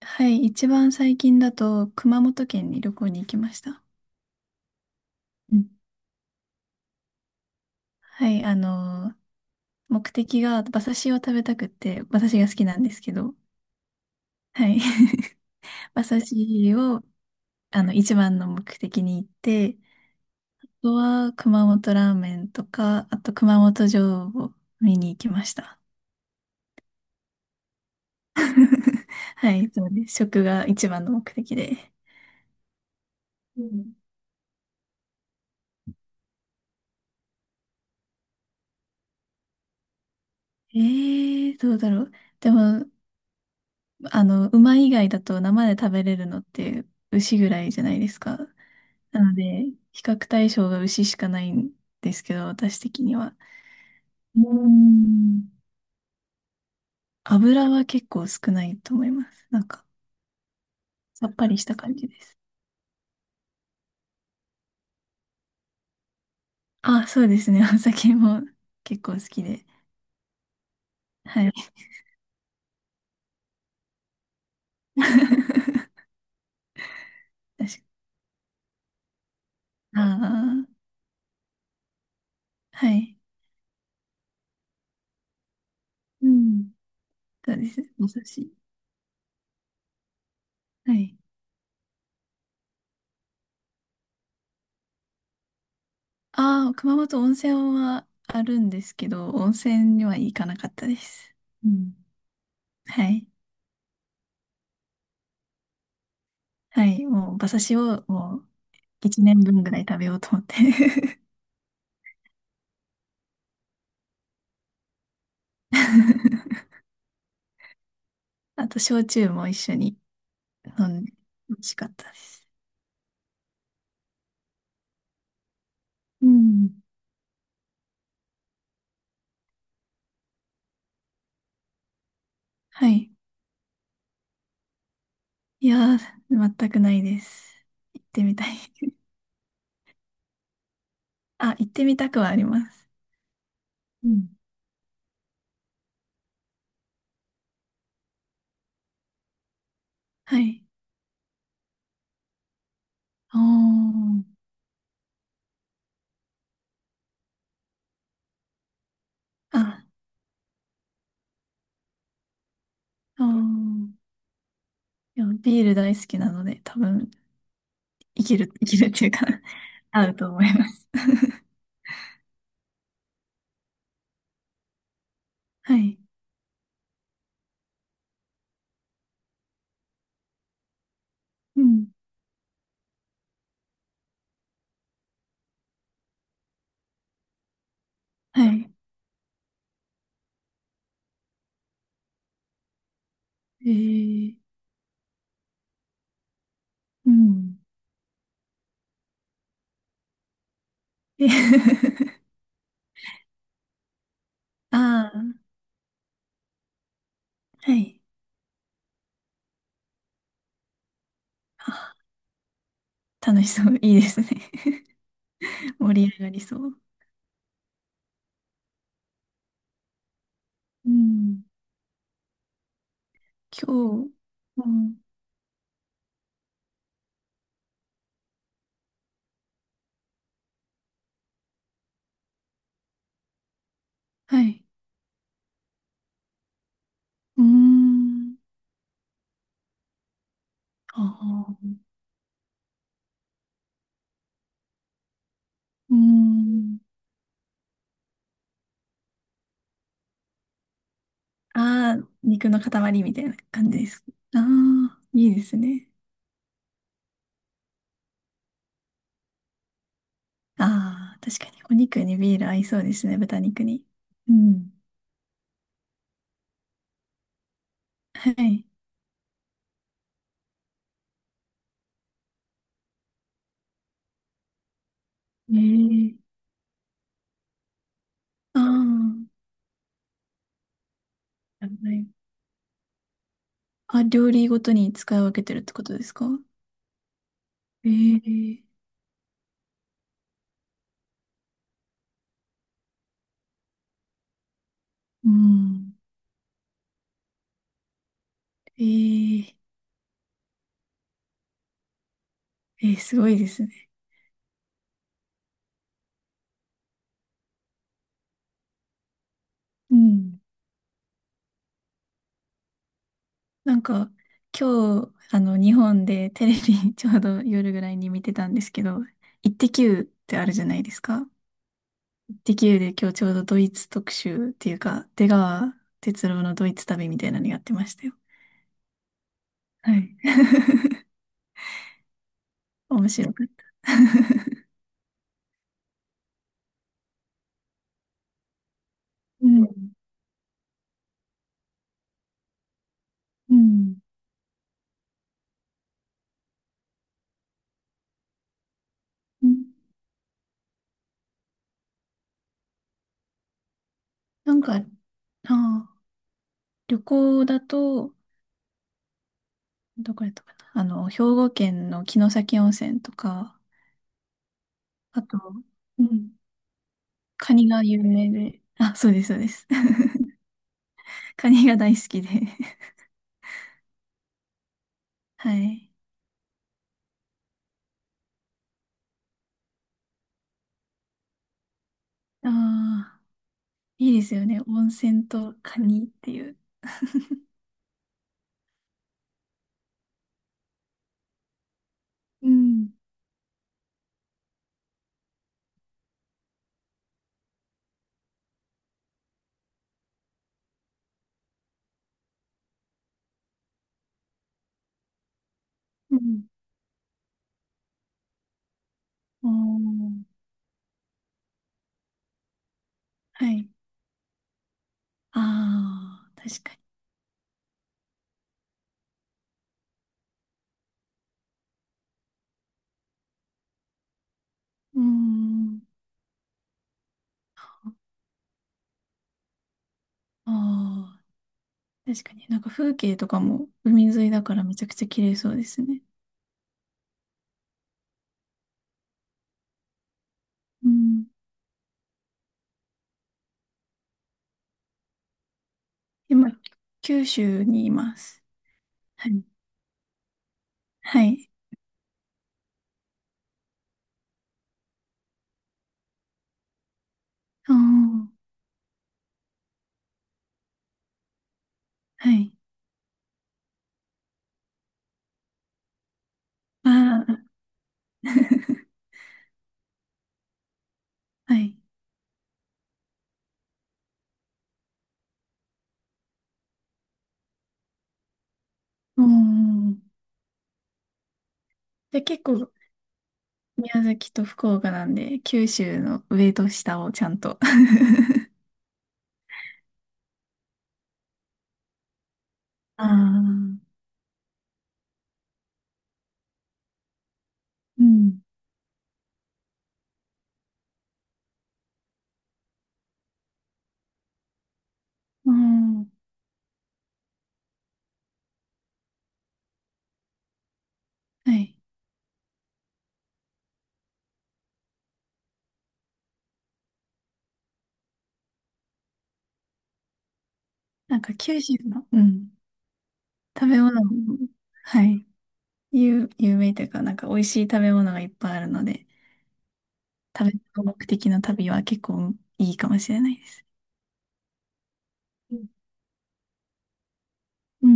はい、一番最近だと熊本県に旅行に行きました。うん。はい、目的が馬刺しを食べたくって、馬刺しが好きなんですけど、はい。馬刺しを、一番の目的に行って、あとは熊本ラーメンとか、あと熊本城を見に行きました。はい、そうです。食が一番の目的で。うん。えどうだろう。でも、馬以外だと生で食べれるのって牛ぐらいじゃないですか。なので、比較対象が牛しかないんですけど、私的には。うーん油は結構少ないと思います。なんか、さっぱりした感じです。あ、そうですね。お酒も結構好きで。はい。確か。ああ、はい。うん。そうです。お寿司。はい。ああ、熊本温泉はあるんですけど、温泉には行かなかったです。うん。はい。はい。もう、馬刺しをもう、一年分ぐらい食べようと思って。 あと、焼酎も一緒に飲んで、美味しかったです。うん。はい。いやー、全くないです。行ってみたい。あ、行ってみたくはあります。うん。はい。おー。あ、おー。いや、ビール大好きなので、多分、生きる、生きるっていうか 合うと思います。はい。うん。はい。えー、うん。ああー、はい。あ、楽しそう。いいですね。盛り上がりそう。うん。今日、うん、はい。うーん。ああ、うーん。ああ、肉の塊みたいな感じです。ああ、いいですね。ああ、確かにお肉にビール合いそうですね、豚肉に。うん。はい。ええ。ああ、なるほどね。あ、料理ごとに使い分けてるってことですか？ええ。うん。ええ。えーすごいですね。うん。なんか、今日、日本でテレビ ちょうど夜ぐらいに見てたんですけど、イッテ Q ってあるじゃないですか。イッテ Q で今日ちょうどドイツ特集っていうか、出川哲朗のドイツ旅みたいなのやってましたよ。はい。面白かった。うん。うん。うん。なんか、ああ、旅行だと、どこやったかな。兵庫県の城崎温泉とか、あと、うん、カニが有名で。あ、そうです、そうです。カニが大好きで。はい。ああ、いいですよね。温泉とカニっていう。うん。うん。おー、はい。ああ、確かに。うん。ああ、確かに。なんか風景とかも海沿いだからめちゃくちゃ綺麗そうですね。うん。今、九州にいます。はい。はい。ああ、はい。ああ、はい。うん。で、結構、宮崎と福岡なんで、九州の上と下をちゃんと。ああ、うん。うん。はい。なんか九州の、うん。食べ物も、はい。有名というか、なんか美味しい食べ物がいっぱいあるので、食べ物目的の旅は結構いいかもしれないです。うん。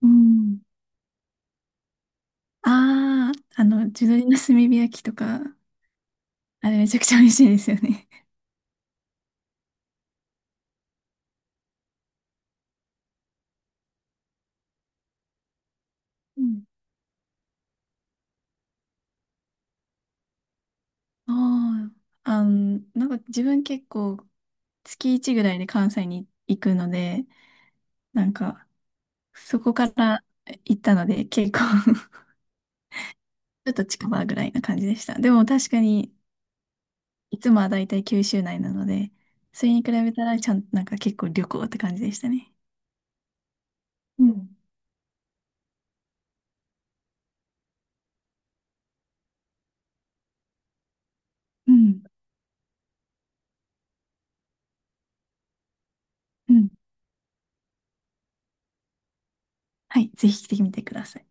うん。ああー、地鶏の炭火焼きとか、あれめちゃくちゃ美味しいですよね。うん。ああ、なんか自分結構月1ぐらいで関西に行くので、なんかそこから行ったので結構 ちょっと近場ぐらいな感じでした。でも確かにいつもはだいたい九州内なので、それに比べたらちゃん、なんか結構旅行って感じでしたね。うん。うん、うん。はい、ぜひ来てみてください。